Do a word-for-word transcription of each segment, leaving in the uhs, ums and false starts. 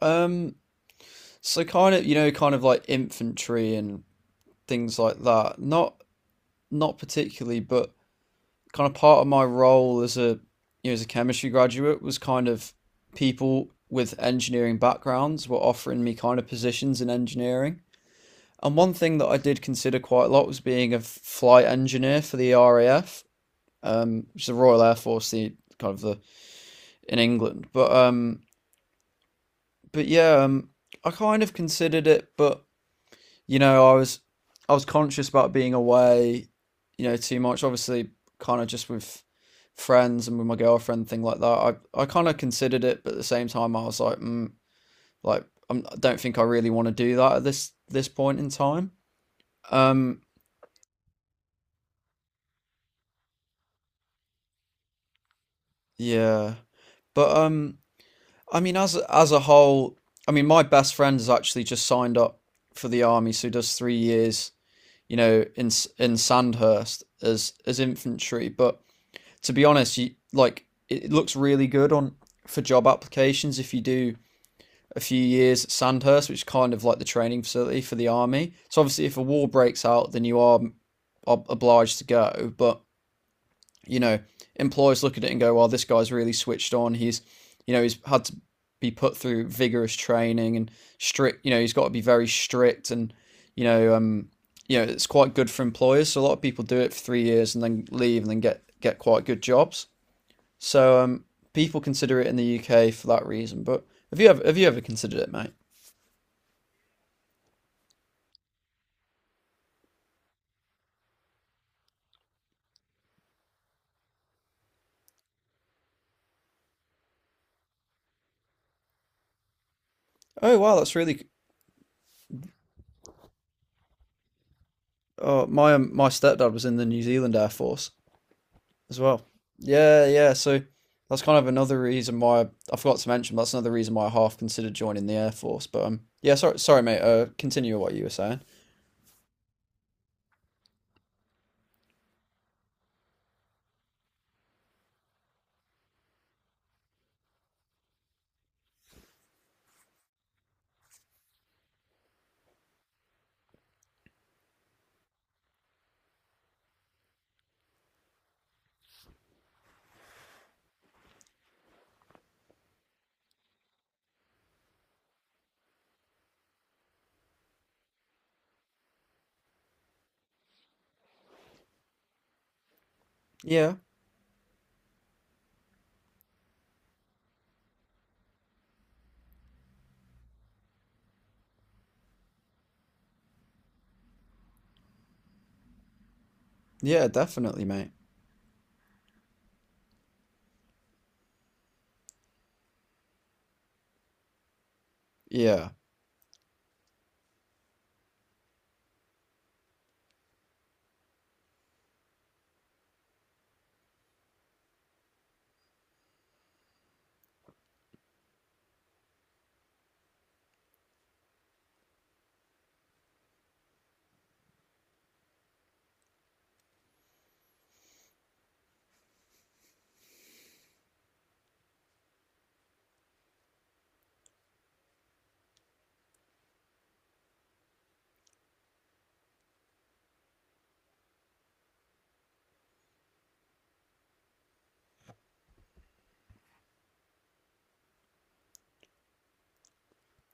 Um, so kind of, you know, kind of like infantry and things like that. Not not particularly, but kind of part of my role as a you know, as a chemistry graduate was kind of people with engineering backgrounds were offering me kind of positions in engineering. And one thing that I did consider quite a lot was being a flight engineer for the R A F, um, which is the Royal Air Force, the kind of the in England. But um, but yeah, um, I kind of considered it, but you know, I was I was conscious about being away, you know, too much. Obviously, kind of just with friends and with my girlfriend, thing like that. I I kind of considered it, but at the same time, I was like, mm, like I'm, I don't think I really want to do that at this this point in time. Um, yeah, but um, I mean, as as a whole, I mean, my best friend has actually just signed up for the army, so he does three years, you know, in in Sandhurst as as infantry, but to be honest, you like it looks really good on for job applications if you do a few years at Sandhurst, which is kind of like the training facility for the army. So obviously, if a war breaks out, then you are ob- obliged to go. But you know, employers look at it and go, "Well, this guy's really switched on. He's, you know, he's had to be put through vigorous training and strict. You know, he's got to be very strict, and you know, um, you know, it's quite good for employers." So a lot of people do it for three years and then leave and then get get quite good jobs. So um, people consider it in the U K for that reason. But have you ever have you ever considered it, mate? Oh wow, that's really. Oh, my um, my stepdad was in the New Zealand Air Force as well. Yeah, yeah. So that's kind of another reason why I forgot to mention. But that's another reason why I half considered joining the Air Force. But um, yeah. Sorry, sorry, mate. Uh, continue what you were saying. Yeah, yeah, definitely, mate. Yeah,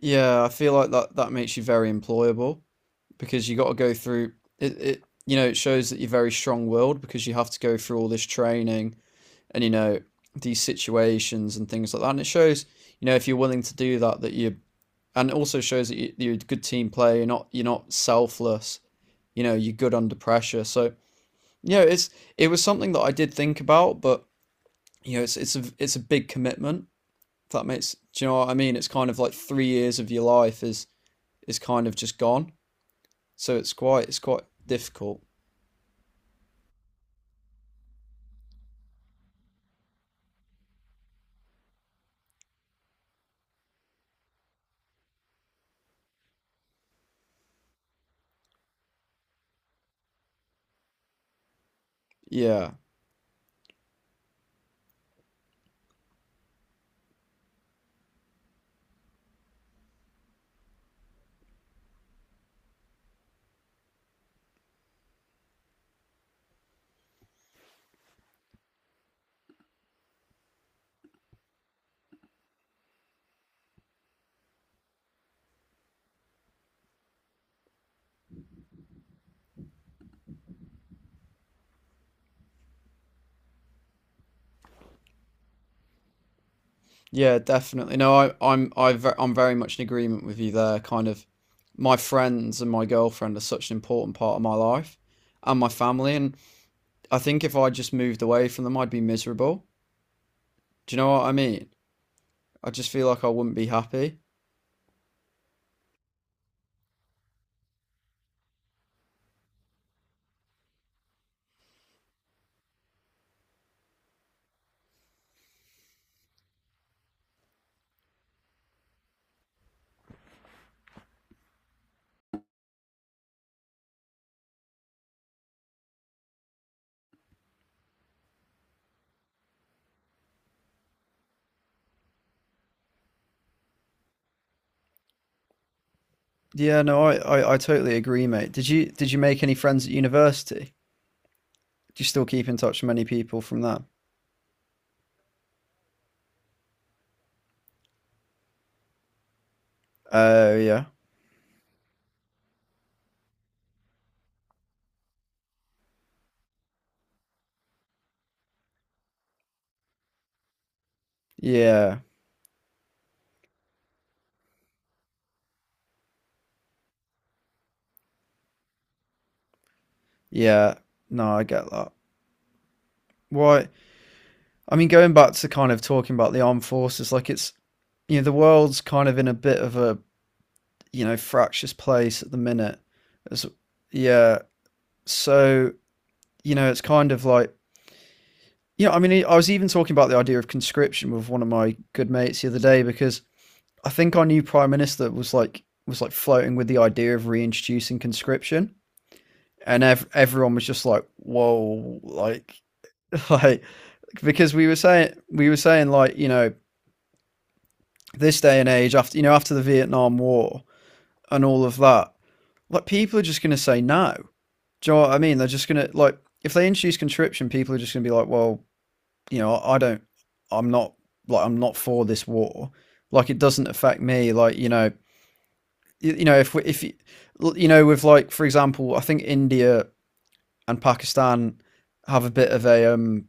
yeah. I feel like that that makes you very employable, because you got to go through it, it you know it shows that you're very strong willed because you have to go through all this training and you know these situations and things like that. And it shows you know if you're willing to do that that you and it also shows that you, you're a good team player. You're not you're not selfless. You know you're good under pressure. So you know it's it was something that I did think about. But you know it's it's a it's a big commitment, if that makes, do you know what I mean? It's kind of like three years of your life is is kind of just gone, so it's quite it's quite difficult. Yeah, yeah, definitely. No, I, I'm, I, ve- I'm very much in agreement with you there. Kind of, my friends and my girlfriend are such an important part of my life and my family, and I think if I just moved away from them, I'd be miserable. Do you know what I mean? I just feel like I wouldn't be happy. Yeah, no, I, I, I totally agree, mate. Did you, did you make any friends at university? Do you still keep in touch with many people from that? Oh, yeah, yeah, yeah. No, I get that. Why? I mean, going back to kind of talking about the armed forces, like it's you know the world's kind of in a bit of a you know fractious place at the minute. As yeah, so you know it's kind of like you know. I mean I was even talking about the idea of conscription with one of my good mates the other day because I think our new prime minister was like was like floating with the idea of reintroducing conscription and ev- everyone was just like whoa, like like because we were saying we were saying like you know this day and age after you know after the Vietnam War and all of that, like people are just going to say no. Do you know what I mean? They're just going to like, if they introduce conscription, people are just going to be like, well, you know, I don't, I'm not like I'm not for this war. Like it doesn't affect me. Like you know, you, you know if we, if you, you know with like for example, I think India and Pakistan have a bit of a um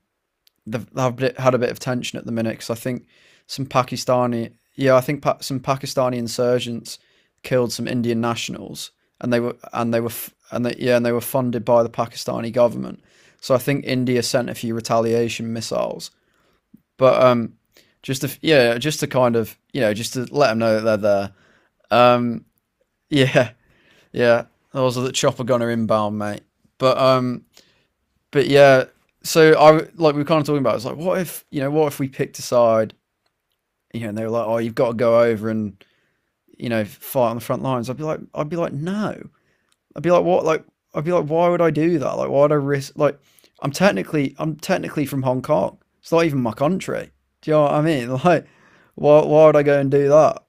they've, they've had a bit of tension at the minute because I think some Pakistani, yeah, I think pa- some Pakistani insurgents killed some Indian nationals, and they were and they were and they, yeah, and they were funded by the Pakistani government. So I think India sent a few retaliation missiles, but um, just to yeah, just to kind of you know just to let them know that they're there. Um, yeah, yeah, those are the chopper gunner inbound, mate. But um, but yeah, so I like we were kind of talking about. It's like, what if you know, what if we picked a side? You know, and they were like, oh, you've got to go over and you know fight on the front lines. I'd be like, I'd be like, no. I'd be like, what? Like, I'd be like, why would I do that? Like, why would I risk? Like, I'm technically, I'm technically from Hong Kong. It's not even my country. Do you know what I mean? Like, why, why would I go and do that?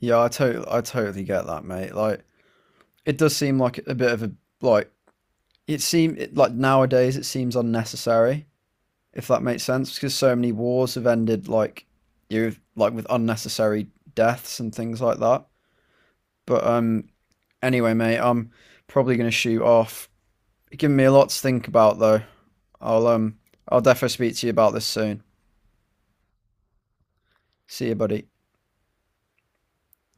Yeah, I totally, I totally get that, mate. Like, it does seem like a bit of a like. It seem it, like nowadays it seems unnecessary, if that makes sense, because so many wars have ended like you like with unnecessary deaths and things like that. But um, anyway, mate, I'm probably gonna shoot off. You're giving me a lot to think about though. I'll um, I'll definitely speak to you about this soon. See you, buddy.